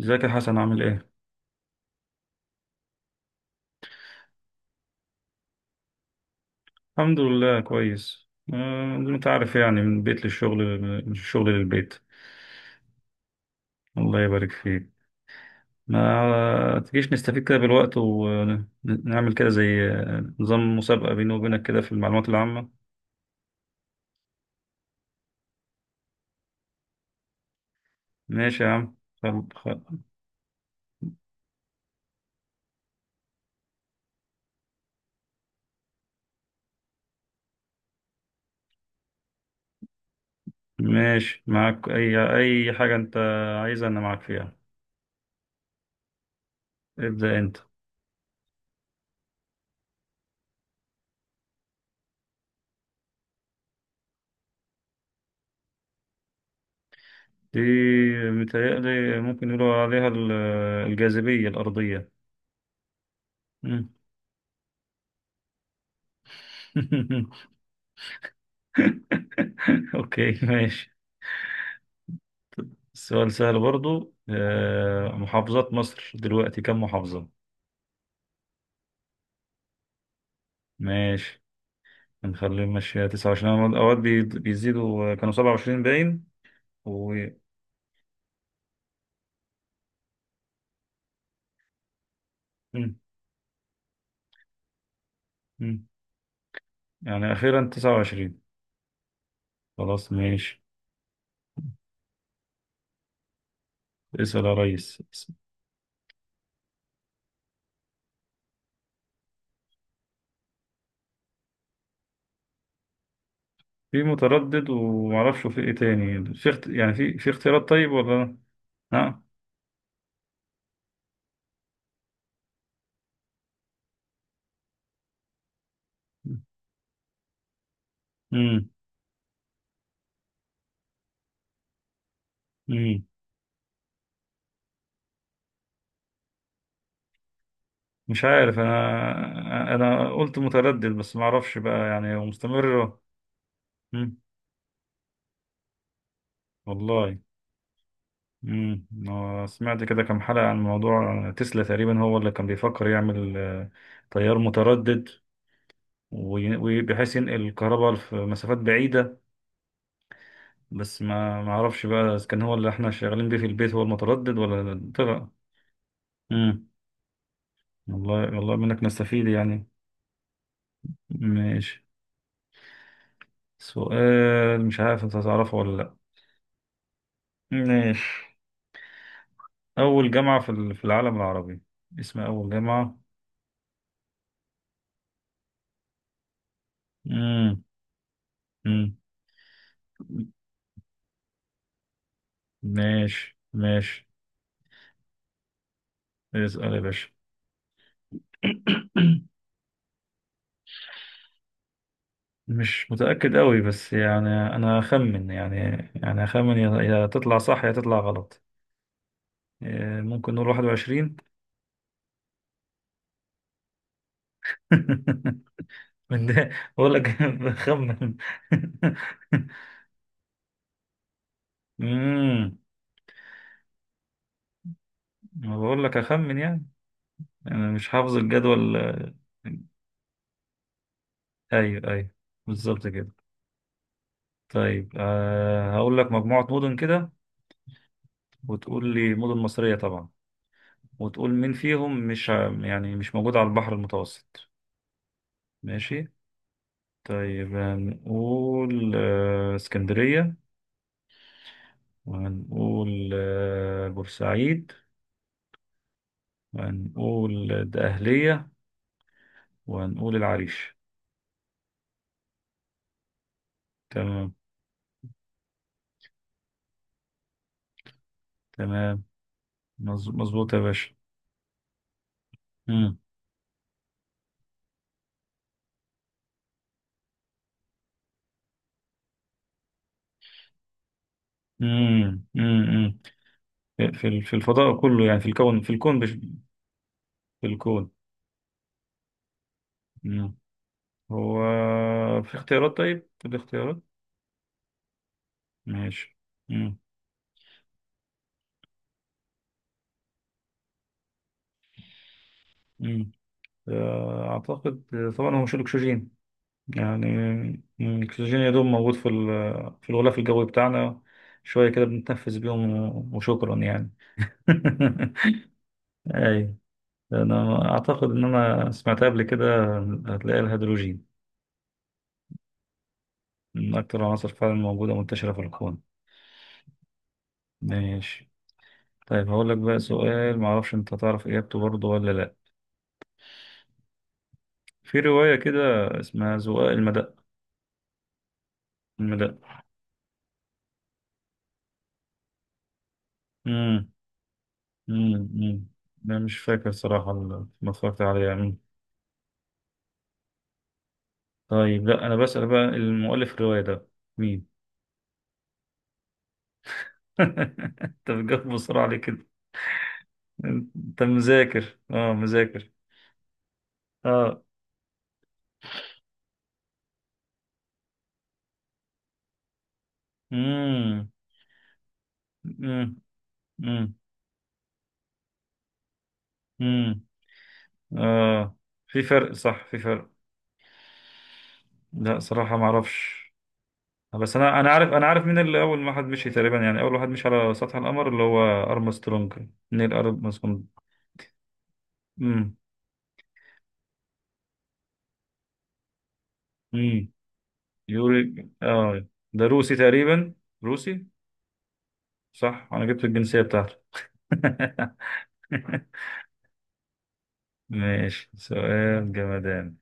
ازيك يا حسن، عامل ايه؟ الحمد لله كويس. زي ما انت عارف يعني من البيت للشغل، من الشغل للبيت. الله يبارك فيك. ما تجيش نستفيد كده بالوقت ونعمل كده زي نظام مسابقة بيني وبينك كده في المعلومات العامة. ماشي يا عم. خل... خل... ماشي معاك اي حاجة انت عايزها انا معاك فيها. ابدأ انت. دي متهيألي ممكن يقولوا عليها الجاذبية الأرضية. مم. اوكي، ماشي. السؤال سهل برضو. محافظات مصر دلوقتي كم محافظة؟ ماشي. هنخليه ماشية 29. أنا أوقات بيزيدوا، كانوا 27 باين و مم، مم. يعني أخيرا 29. خلاص، ماشي. اسأل يا ريس. في متردد ومعرفش في إيه تاني، في يعني في اختيارات طيب، ولا؟ ها؟ مم. مم. مش عارف، أنا قلت متردد بس معرفش بقى يعني هو مستمر. مم. والله. سمعت كده كام حلقة عن موضوع تسلا، تقريبا هو اللي كان بيفكر يعمل طيار متردد وبحيث ينقل الكهرباء في مسافات بعيدة. بس ما اعرفش بقى اذا كان هو اللي احنا شغالين بيه في البيت هو المتردد، ولا طلع. امم. والله والله منك نستفيد يعني. ماشي. سؤال مش عارف انت هتعرفه ولا لا. ماشي. اول جامعة في في العالم العربي، اسم اول جامعة؟ امم. امم. ماشي، ماشي. اسأل يا باشا. مش متأكد قوي بس يعني، أنا أخمن يعني، يعني أخمن يا تطلع صح يا تطلع غلط. إيه، ممكن نقول واحد وعشرين. من ده؟ بقول لك بخمن. امم. أنا بقول لك أخمن يعني. أنا مش حافظ الجدول. أيوه، أيوه. بالظبط كده. طيب، هقول لك مجموعة مدن كده، وتقول لي مدن مصرية طبعا، وتقول مين فيهم مش يعني مش موجود على البحر المتوسط. ماشي. طيب، هنقول اسكندرية. وهنقول بورسعيد. وهنقول الدقهلية. وهنقول العريش. تمام. تمام. مظبوط يا باشا. مم. مم. مم. مم. في في الفضاء كله، يعني في الكون. مم. هو في اختيارات؟ طيب، في اختيارات. ماشي. مم. مم. أعتقد طبعا هو مش الأكسجين يعني. الأكسجين يا دوب موجود في في الغلاف الجوي بتاعنا، شوية كده بنتنفس بيهم وشكرا يعني. أي. أنا أعتقد إن أنا سمعتها قبل كده. هتلاقي الهيدروجين من أكتر العناصر فعلا، موجودة منتشرة في الكون. ماشي. طيب، هقول لك بقى سؤال معرفش أنت تعرف إجابته برضه ولا لأ. في رواية كده اسمها زقاق المدق. المدق. مم. مم. مم. أنا مش فاكر صراحة، ما اتفرجت عليها. طيب، لا انا بسأل بقى المؤلف الرواية ده مين؟ انت بتجاوب بسرعة ليه كده؟ انت مذاكر، مذاكر. اه. امم. امم. امم. امم. اه. في فرق، صح، في فرق. لا، صراحة ما اعرفش. بس انا عارف مين اللي اول واحد مشي تقريبا، يعني اول واحد مشي على سطح القمر، اللي هو ارمسترونج، نيل ارمسترونج. امم. امم. يوري، اه. ده روسي تقريبا، روسي. صح، انا جبت الجنسية بتاعته. ماشي، سؤال جمدان.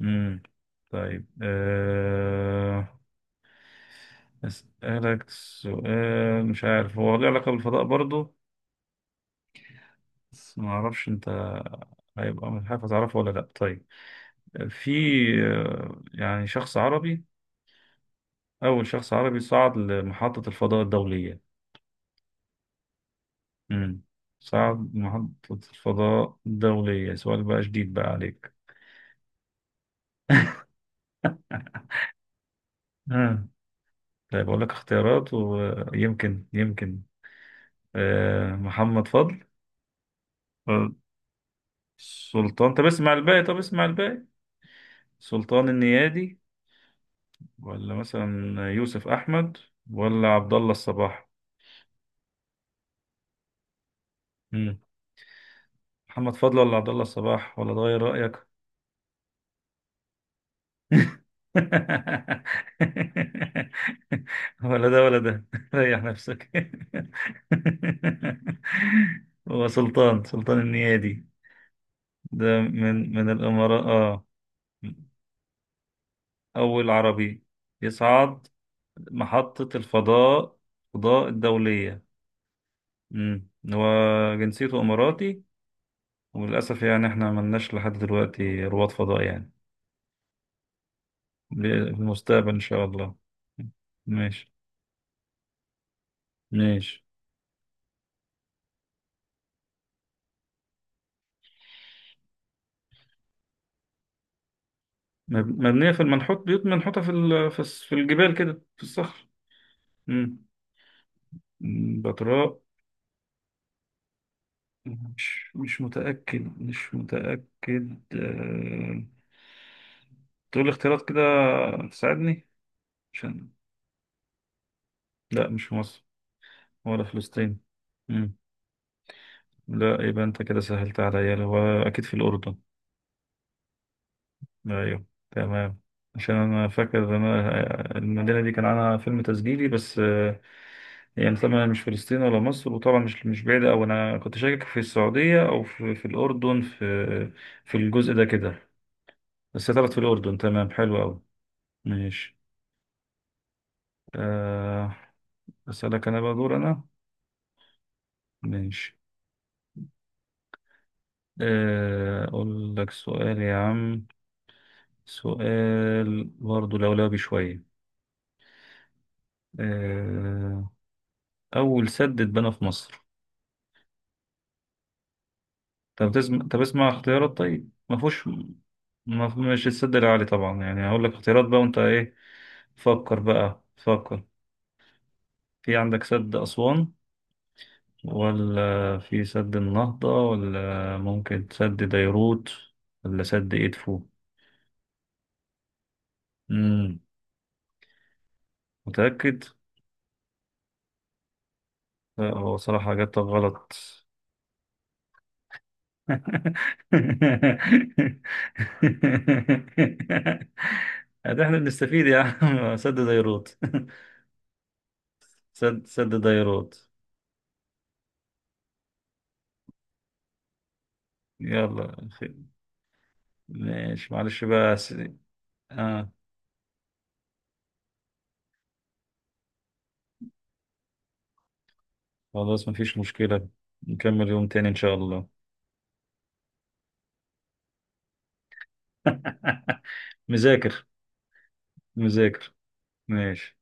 مم. طيب. أسألك سؤال، مش عارف هو له علاقة بالفضاء برضه، بس ما أعرفش أنت هيبقى مش عارف هتعرفه ولا لأ. طيب، في يعني شخص عربي، أول شخص عربي صعد لمحطة الفضاء الدولية. مم. صعد محطة الفضاء الدولية. سؤال بقى جديد بقى عليك. مم. طيب، أقول لك اختيارات ويمكن يمكن محمد فضل. سلطان، طب اسمع الباقي، طب اسمع الباقي. سلطان النيادي. ولا مثلا يوسف احمد، ولا عبد الله الصباح. مم. محمد فضل، ولا عبد الله الصباح، ولا تغير رايك؟ ولا ده، ولا ده. ريح نفسك. هو سلطان، سلطان النيادي. ده من الامارات، اه. اول عربي يصعد محطة الفضاء الدولية. امم. هو جنسيته اماراتي، وللاسف يعني احنا ملناش لحد دلوقتي رواد فضاء يعني. ب- في المستقبل ان شاء الله. ماشي. ماشي. مبنيه في المنحوت بيوت منحوته في في الجبال كده، في الصخر. امم. بتراء. مش متاكد. تقول لي اختيارات كده، تساعدني عشان. لا، مش في مصر. ولا فلسطين. مم. لا، يبقى انت كده سهلت عليا، اللي هو اكيد في الاردن. ايوه، تمام. عشان انا فاكر ان انا المدينه دي كان عنها فيلم تسجيلي بس. يعني طبعا مش فلسطين ولا مصر، وطبعا مش بعيده، او انا كنت شاكك في السعوديه او في الاردن، في الجزء ده كده. بس طلعت في الاردن. تمام، حلو قوي. ماشي. أه اسالك انا بقى، دور انا. ماشي. اقول لك سؤال يا عم، سؤال برضه لولبي شويه، آه، أول سد اتبنى في مصر؟ طب اسمع اختيارات طيب، ما فيهوش. ما مش السد العالي طبعا، يعني هقول لك اختيارات بقى وأنت إيه. فكر بقى، فكر. في عندك سد أسوان، ولا في سد النهضة، ولا ممكن سد ديروت، ولا سد إدفو؟ مم. متأكد؟ لا، هو صراحة إجابتك غلط. ده احنا بنستفيد يا عم. سد ديروت. سد ديروت. يلا، ماشي، معلش بقى. اه. خلاص، مفيش مشكلة. نكمل يوم تاني ان شاء الله. مذاكر. مذاكر. ماشي.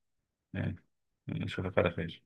ماشي. نشوفك على خير.